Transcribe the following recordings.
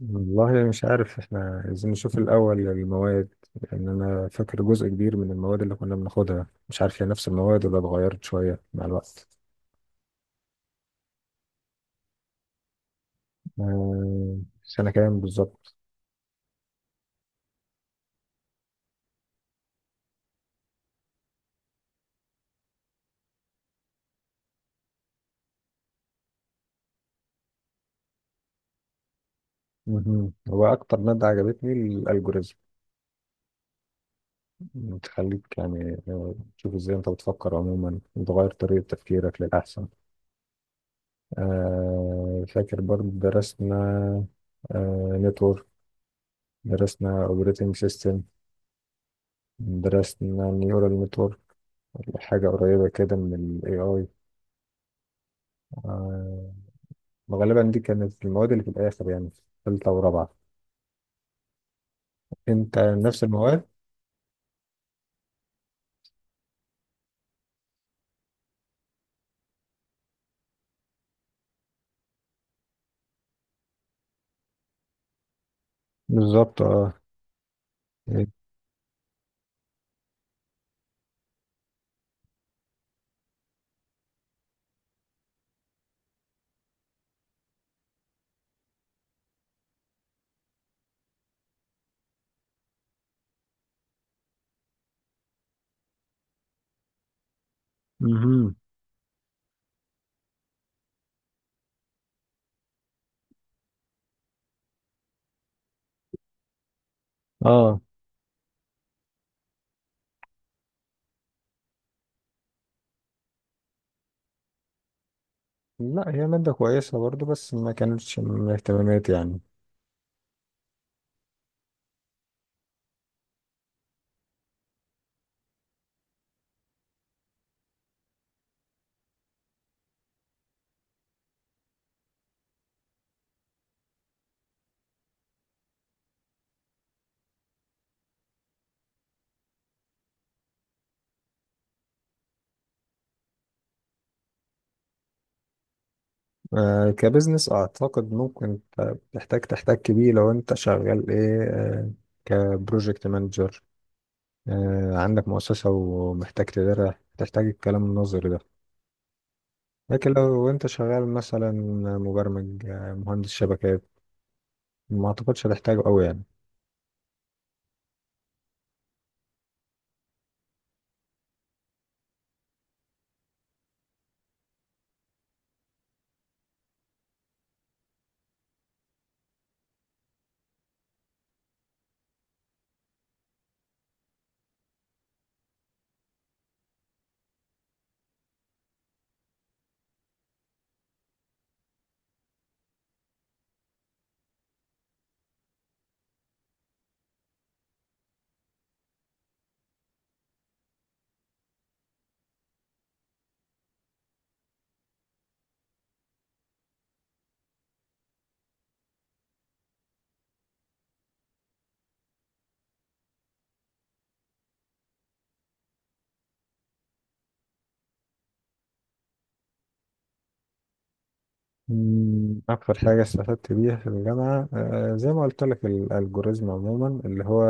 والله مش عارف احنا عايزين نشوف الأول المواد. لأن أنا فاكر جزء كبير من المواد اللي كنا بناخدها، مش عارف هي نفس المواد ولا اتغيرت شوية مع الوقت. آه، سنة كام بالظبط؟ مهم. هو أكتر مادة عجبتني الألجوريزم، بتخليك يعني تشوف إزاي أنت بتفكر عموما وتغير طريقة تفكيرك للأحسن. فاكر برضه درسنا نتورك، درسنا اوبريتنج سيستم، درسنا نيورال نتورك، حاجة قريبة كده من ال AI. آه، غالبا دي كانت المواد اللي في الآخر، يعني في تالتة ورابعة. أنت نفس المواد؟ بالظبط اه. مهم. اه لا هي مادة كويسة برضو بس ما كانتش من اهتماماتي يعني. آه كبزنس أعتقد ممكن تحتاج تحتك بيه لو أنت شغال إيه، كبروجكت مانجر. آه عندك مؤسسة ومحتاج تديرها، تحتاج الكلام النظري ده. لكن لو انت شغال مثلا مبرمج، مهندس شبكات، ما اعتقدش هتحتاجه قوي يعني. اكتر حاجه استفدت بيها في الجامعه، زي ما قلت لك الالجوريزم عموما، اللي هو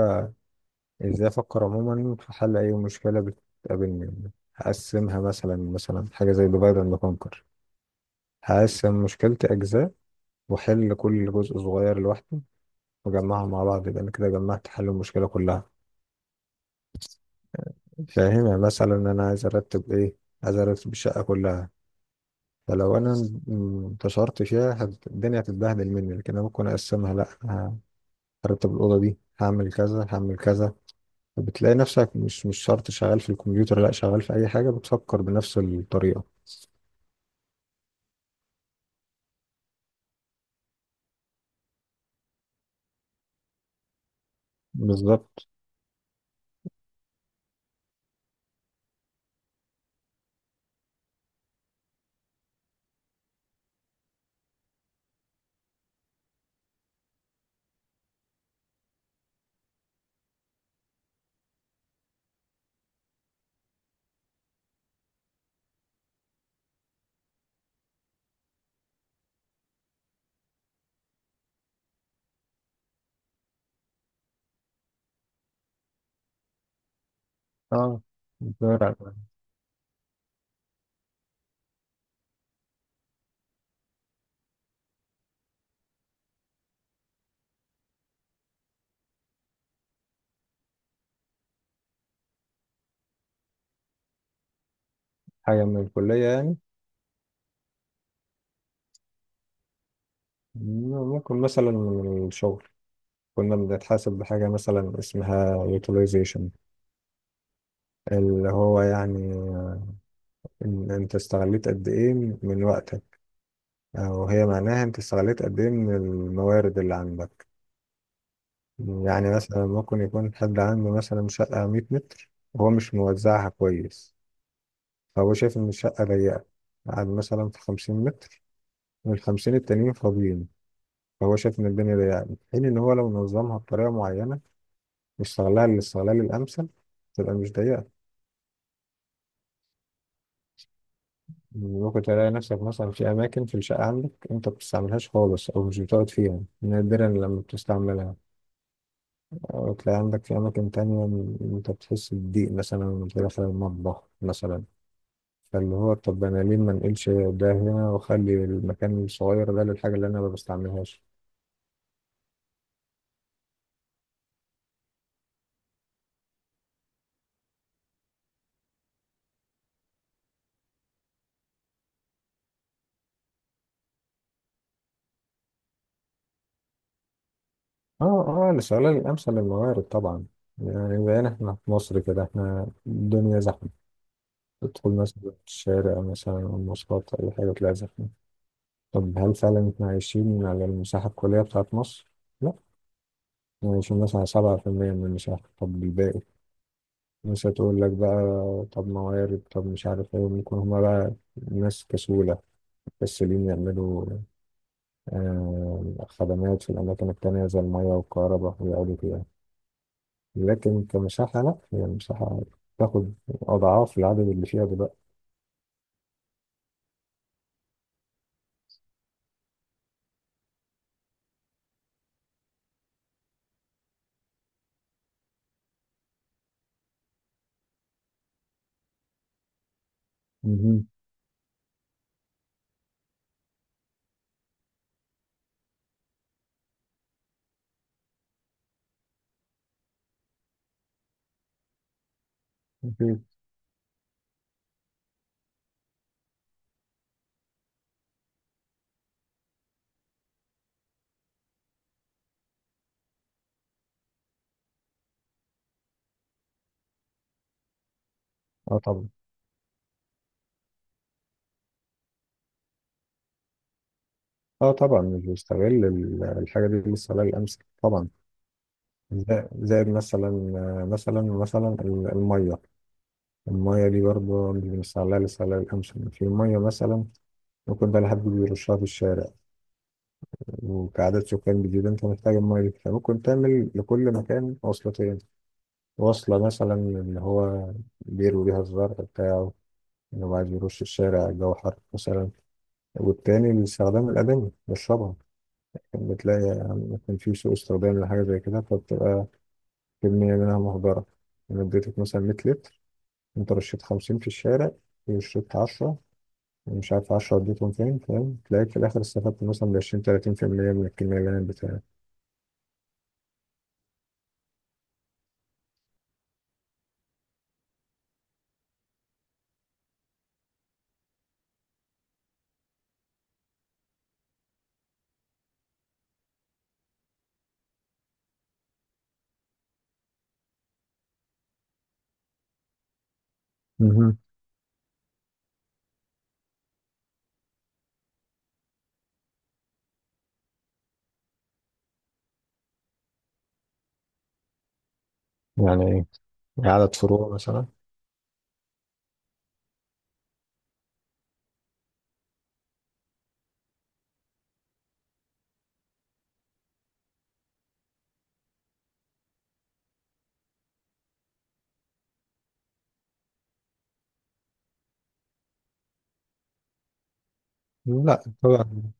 ازاي افكر عموما في حل اي مشكله بتقابلني. هقسمها مثلا حاجه زي ديفايد اند كونكر. هقسم مشكلتي اجزاء، واحل كل جزء صغير لوحده، واجمعهم مع بعض، يبقى انا كده جمعت حل المشكله كلها. فاهم يعني مثلا انا عايز ارتب ايه، عايز ارتب الشقه كلها. فلو انا انتشرت فيها الدنيا هتتبهدل مني، لكن انا ممكن اقسمها، لا ه- هرتب الاوضه دي، هعمل كذا هعمل كذا. فبتلاقي نفسك مش شرط شغال في الكمبيوتر، لا شغال في اي حاجه بتفكر بنفس الطريقه. بالظبط اه. بنقرا. حاجه من الكليه يعني؟ ممكن مثلا من الشغل، كنا بنتحاسب بحاجه مثلا اسمها utilization، اللي هو يعني إن انت استغليت قد ايه من وقتك. وهي معناها انت استغليت قد ايه من الموارد اللي عندك. يعني مثلا ممكن يكون حد عنده مثلا شقة 100 متر وهو مش موزعها كويس، فهو شايف ان الشقة ضيقة، قاعد مثلا في 50 متر والخمسين التانيين فاضيين، فهو شايف ان الدنيا ضيقة، في حين ان هو لو نظمها بطريقة معينة واستغلها للاستغلال الأمثل، تبقى مش ضيقة. ممكن تلاقي نفسك مثلا في أماكن في الشقة عندك أنت ما بتستعملهاش خالص، أو مش بتقعد فيها، نادرا لما بتستعملها. أو تلاقي عندك في أماكن تانية إن أنت بتحس بضيق مثلا وأنت داخل المطبخ مثلا. فاللي هو طب أنا ليه ما نقلش ده هنا وأخلي المكان الصغير ده للحاجة اللي أنا ما بستعملهاش. آه. آه الاستغلال الأمثل للموارد طبعا. يعني بقينا إحنا في مصر كده، إحنا الدنيا زحمة، تدخل مثلا الشارع مثلا أو المواصلات أو أي حاجة تلاقي زحمة. طب هل فعلا إحنا عايشين على المساحة الكلية بتاعت مصر؟ لا. إحنا عايشين مثلا على 7% من المساحة. طب الباقي مش هتقول لك بقى. طب موارد، طب مش عارف ايه، ممكن هما بقى ناس كسولة، كسولين يعملوا خدمات في الأماكن التانية زي المية والكهرباء ويقعدوا فيها. لكن كمساحة لأ، هي المساحة تاخد أضعاف العدد اللي فيها دلوقتي. مهم. أكيد. أه طبعا. أه طبعا مش بيستغل الحاجة دي للسبيل الأمثل طبعا. زائد زائد مثلا، مثلا المية. المية دي برضه مش بنستغلها للسبيل الأمثل في مية مثلا. ممكن بقى لحد بيرشها في الشارع، وكعدد سكان جديد انت محتاج المية دي، فممكن تعمل لكل مكان وصلتين. وصلة مثلا اللي هو بيروي بيها الزرع بتاعه، اللي هو عايز يرش الشارع الجو حر مثلا، والتاني الاستخدام الأدمي يشربها. بتلاقي ممكن في سوء استخدام لحاجة زي كده، فبتبقى كمية منها مهدرة. أنا اديتك مثلا 100 لتر، أنت رشيت 50 في الشارع، وشربت 10، ومش عارف 10 اديتهم فين، فاهم؟ تلاقيك في الآخر استفدت مثلا ب 20 30% من الكمية اللي أنا اديتها. مهم. يعني ايه، عدد فروع مثلا؟ لا طبعا.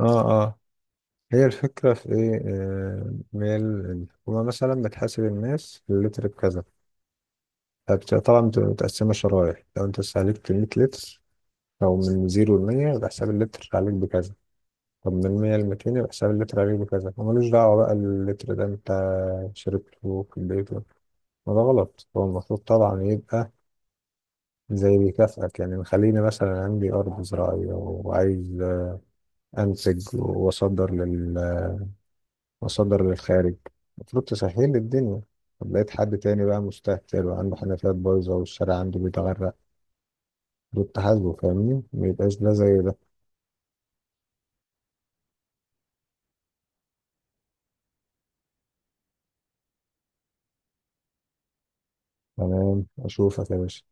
اه اه. هي الفكرة في ايه، هي الحكومة مثلا بتحاسب الناس اللتر بكذا. طبعا بتبقى متقسمة شرايح، لو انت استهلكت 100 لتر او من زيرو لمية يبقى حساب اللتر عليك بكذا. طب من 100 ل 200 يبقى حساب اللتر عليك بكذا. وملوش دعوة بقى اللتر ده انت شربته في البيت. ما ده غلط. هو المفروض طبعا يبقى زي بيكافئك، يعني خليني مثلا عندي أرض زراعية وعايز انتج واصدر للخارج، المفروض تسهل لي الدنيا. طب لقيت حد تاني بقى مستهتر وعنده حنفيات بايظه والشارع عنده بيتغرق، دول تحاسبه. فاهمني؟ ما يبقاش ده زي ده. تمام، اشوفك يا باشا.